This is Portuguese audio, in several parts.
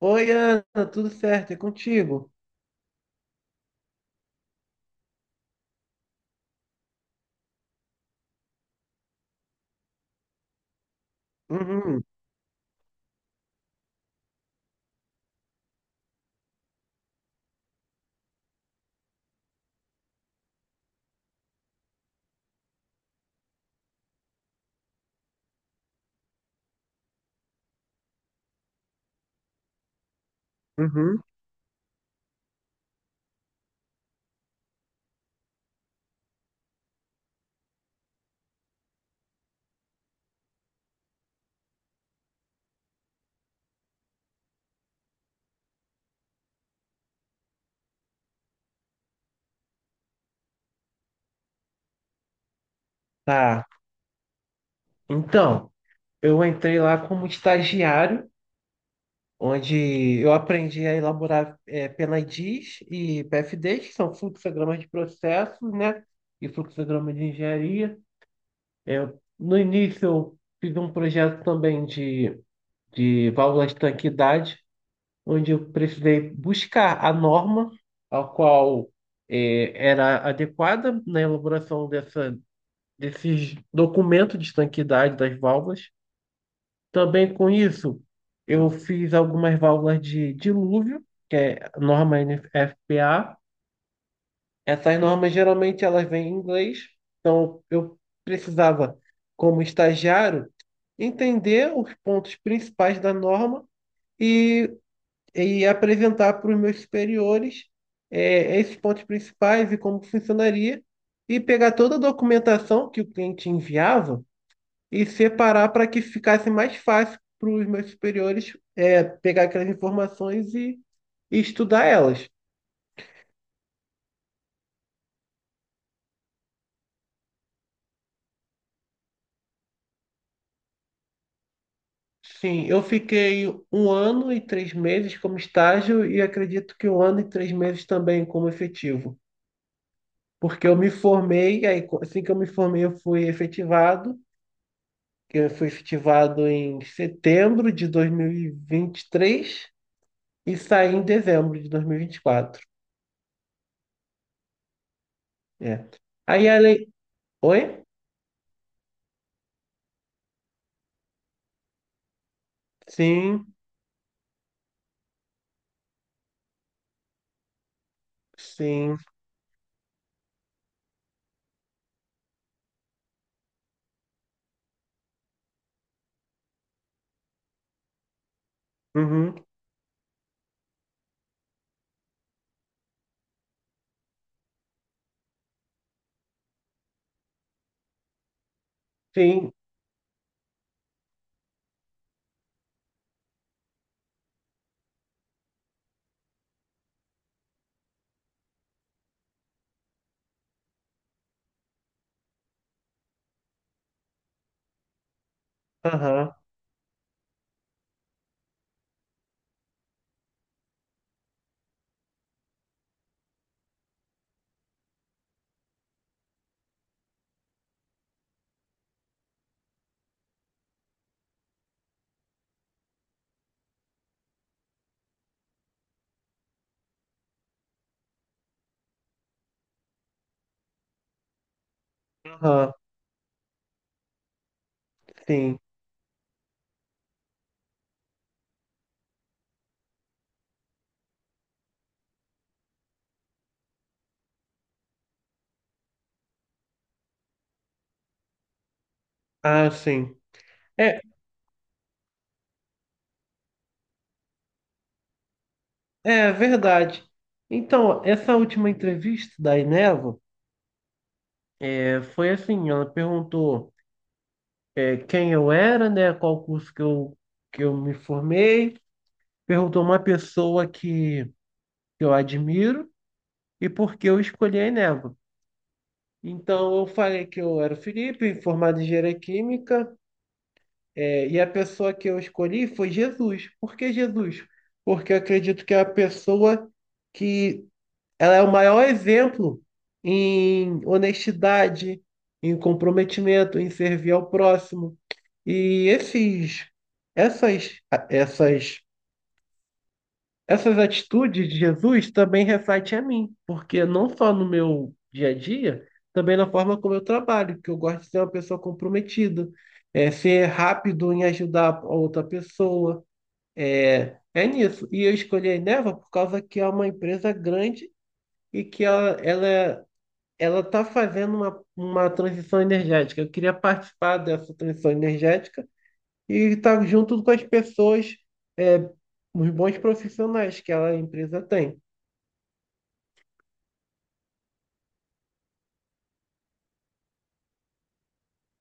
Oi, Ana, tudo certo? É contigo? Uhum, uhum. Tá. Então, eu entrei lá como estagiário, onde eu aprendi a elaborar PNIDs e PFDs, que são fluxogramas de processos, né? E fluxograma de engenharia. Eu, no início, eu fiz um projeto também de válvula de tanquidade, onde eu precisei buscar a norma, a qual era adequada na elaboração dessa desses documentos de estanqueidade das válvulas. Também com isso, eu fiz algumas válvulas de dilúvio, que é norma NFPA. Essas normas geralmente elas vêm em inglês, então eu precisava, como estagiário, entender os pontos principais da norma e, e apresentar para os meus superiores esses pontos principais e como funcionaria, e pegar toda a documentação que o cliente enviava e separar para que ficasse mais fácil para os meus superiores pegar aquelas informações e estudar elas. Sim, eu fiquei 1 ano e 3 meses como estágio e acredito que 1 ano e 3 meses também como efetivo, porque eu me formei, assim que eu me formei eu fui efetivado, que eu fui efetivado em setembro de dois mil e vinte e três e saí em dezembro de dois mil e vinte e quatro. É. Aí a lei... Oi? Sim, sim. Uhum, sim, aham, aham, sim, ah, sim. É, é verdade. Então, essa última entrevista da Ineva foi assim, ela perguntou quem eu era, né, qual curso que eu me formei, perguntou uma pessoa que eu admiro e por que eu escolhi a Ineva. Então, eu falei que eu era o Felipe, formado em engenharia química. E a pessoa que eu escolhi foi Jesus. Por que Jesus? Porque eu acredito que é a pessoa que ela é o maior exemplo em honestidade, em comprometimento, em servir ao próximo. E essas, essas, essas atitudes de Jesus também refletem a mim, porque não só no meu dia a dia, também na forma como eu trabalho, que eu gosto de ser uma pessoa comprometida, ser rápido em ajudar a outra pessoa é nisso. E eu escolhi a Eneva por causa que é uma empresa grande e que ela está fazendo uma transição energética. Eu queria participar dessa transição energética e estar junto com as pessoas, é, os bons profissionais que a empresa tem.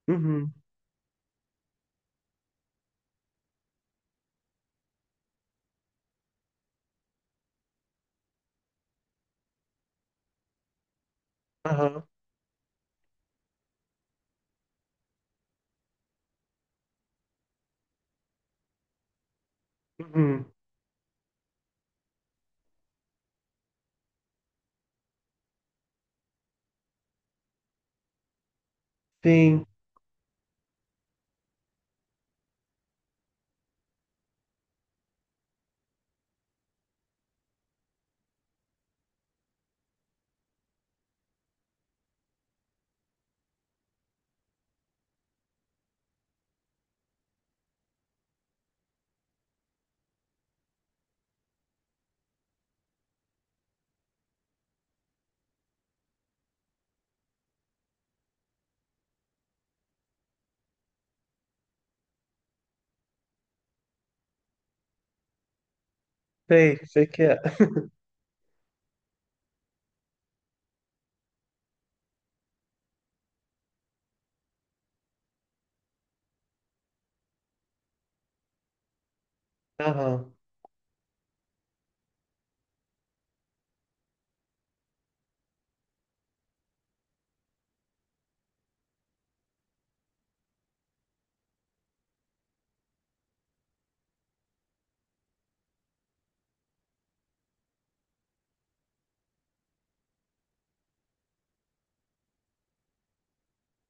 Uhum, aham, uhum, sim, sei, sei que é. Aham,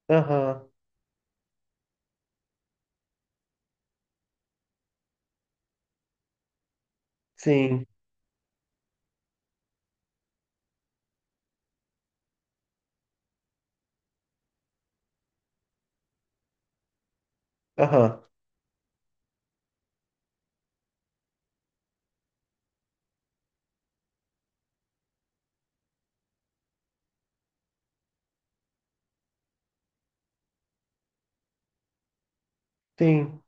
aham, sim, aham, sim,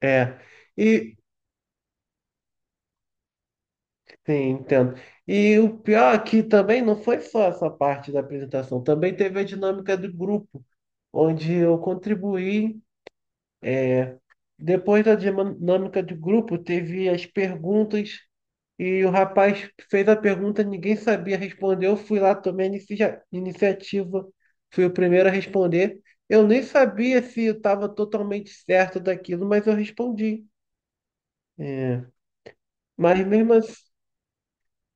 é. E Sim, entendo. E o pior aqui também não foi só essa parte da apresentação, também teve a dinâmica do grupo, onde eu contribuí. É. Depois da dinâmica do grupo, teve as perguntas e o rapaz fez a pergunta, ninguém sabia responder. Eu fui lá, tomei a iniciativa, fui o primeiro a responder. Eu nem sabia se eu estava totalmente certo daquilo, mas eu respondi. É. Mas mesmo assim.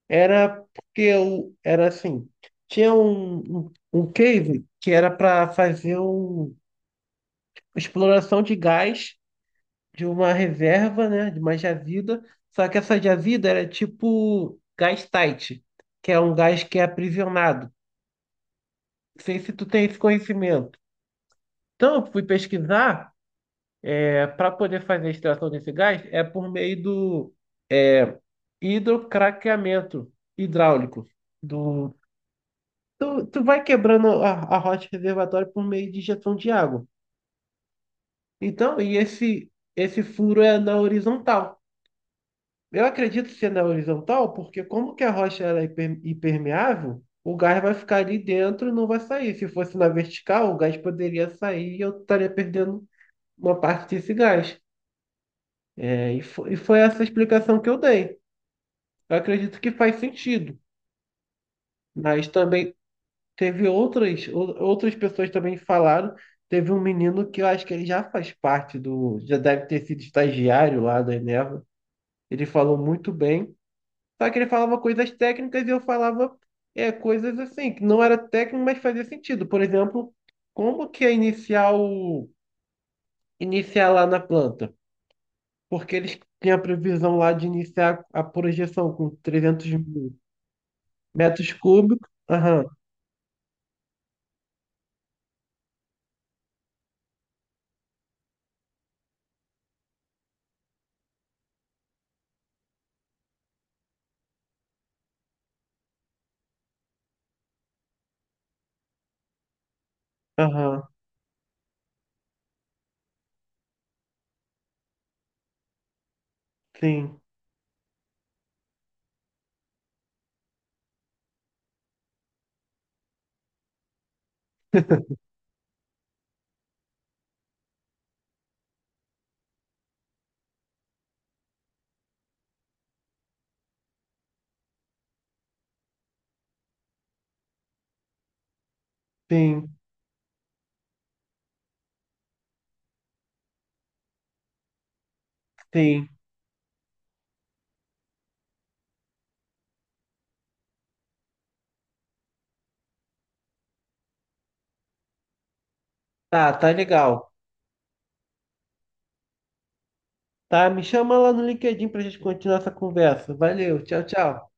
Era porque eu era assim, tinha um cave que era para fazer exploração de gás de uma reserva, né, de uma jazida, só que essa jazida era tipo gás tight, que é um gás que é aprisionado. Não sei se tu tem esse conhecimento. Então, eu fui pesquisar, para poder fazer a extração desse gás, é por meio do hidrocraqueamento hidráulico do Tu vai quebrando a rocha reservatória por meio de injeção de água. Então, e esse furo é na horizontal. Eu acredito ser na horizontal, porque como que a rocha ela é impermeável, o gás vai ficar ali dentro e não vai sair. Se fosse na vertical, o gás poderia sair e eu estaria perdendo uma parte desse gás. E foi essa a explicação que eu dei. Eu acredito que faz sentido, mas também teve outras, outras pessoas também que falaram. Teve um menino que eu acho que ele já faz parte do. Já deve ter sido estagiário lá da Eneva. Ele falou muito bem. Só que ele falava coisas técnicas e eu falava coisas assim, que não era técnico, mas fazia sentido. Por exemplo, como que é iniciar iniciar lá na planta? Porque eles têm a previsão lá de iniciar a projeção com 300.000 metros cúbicos. Aham, aham, sim, sim, sim. Tá, tá legal. Tá, me chama lá no LinkedIn pra gente continuar essa conversa. Valeu, tchau, tchau.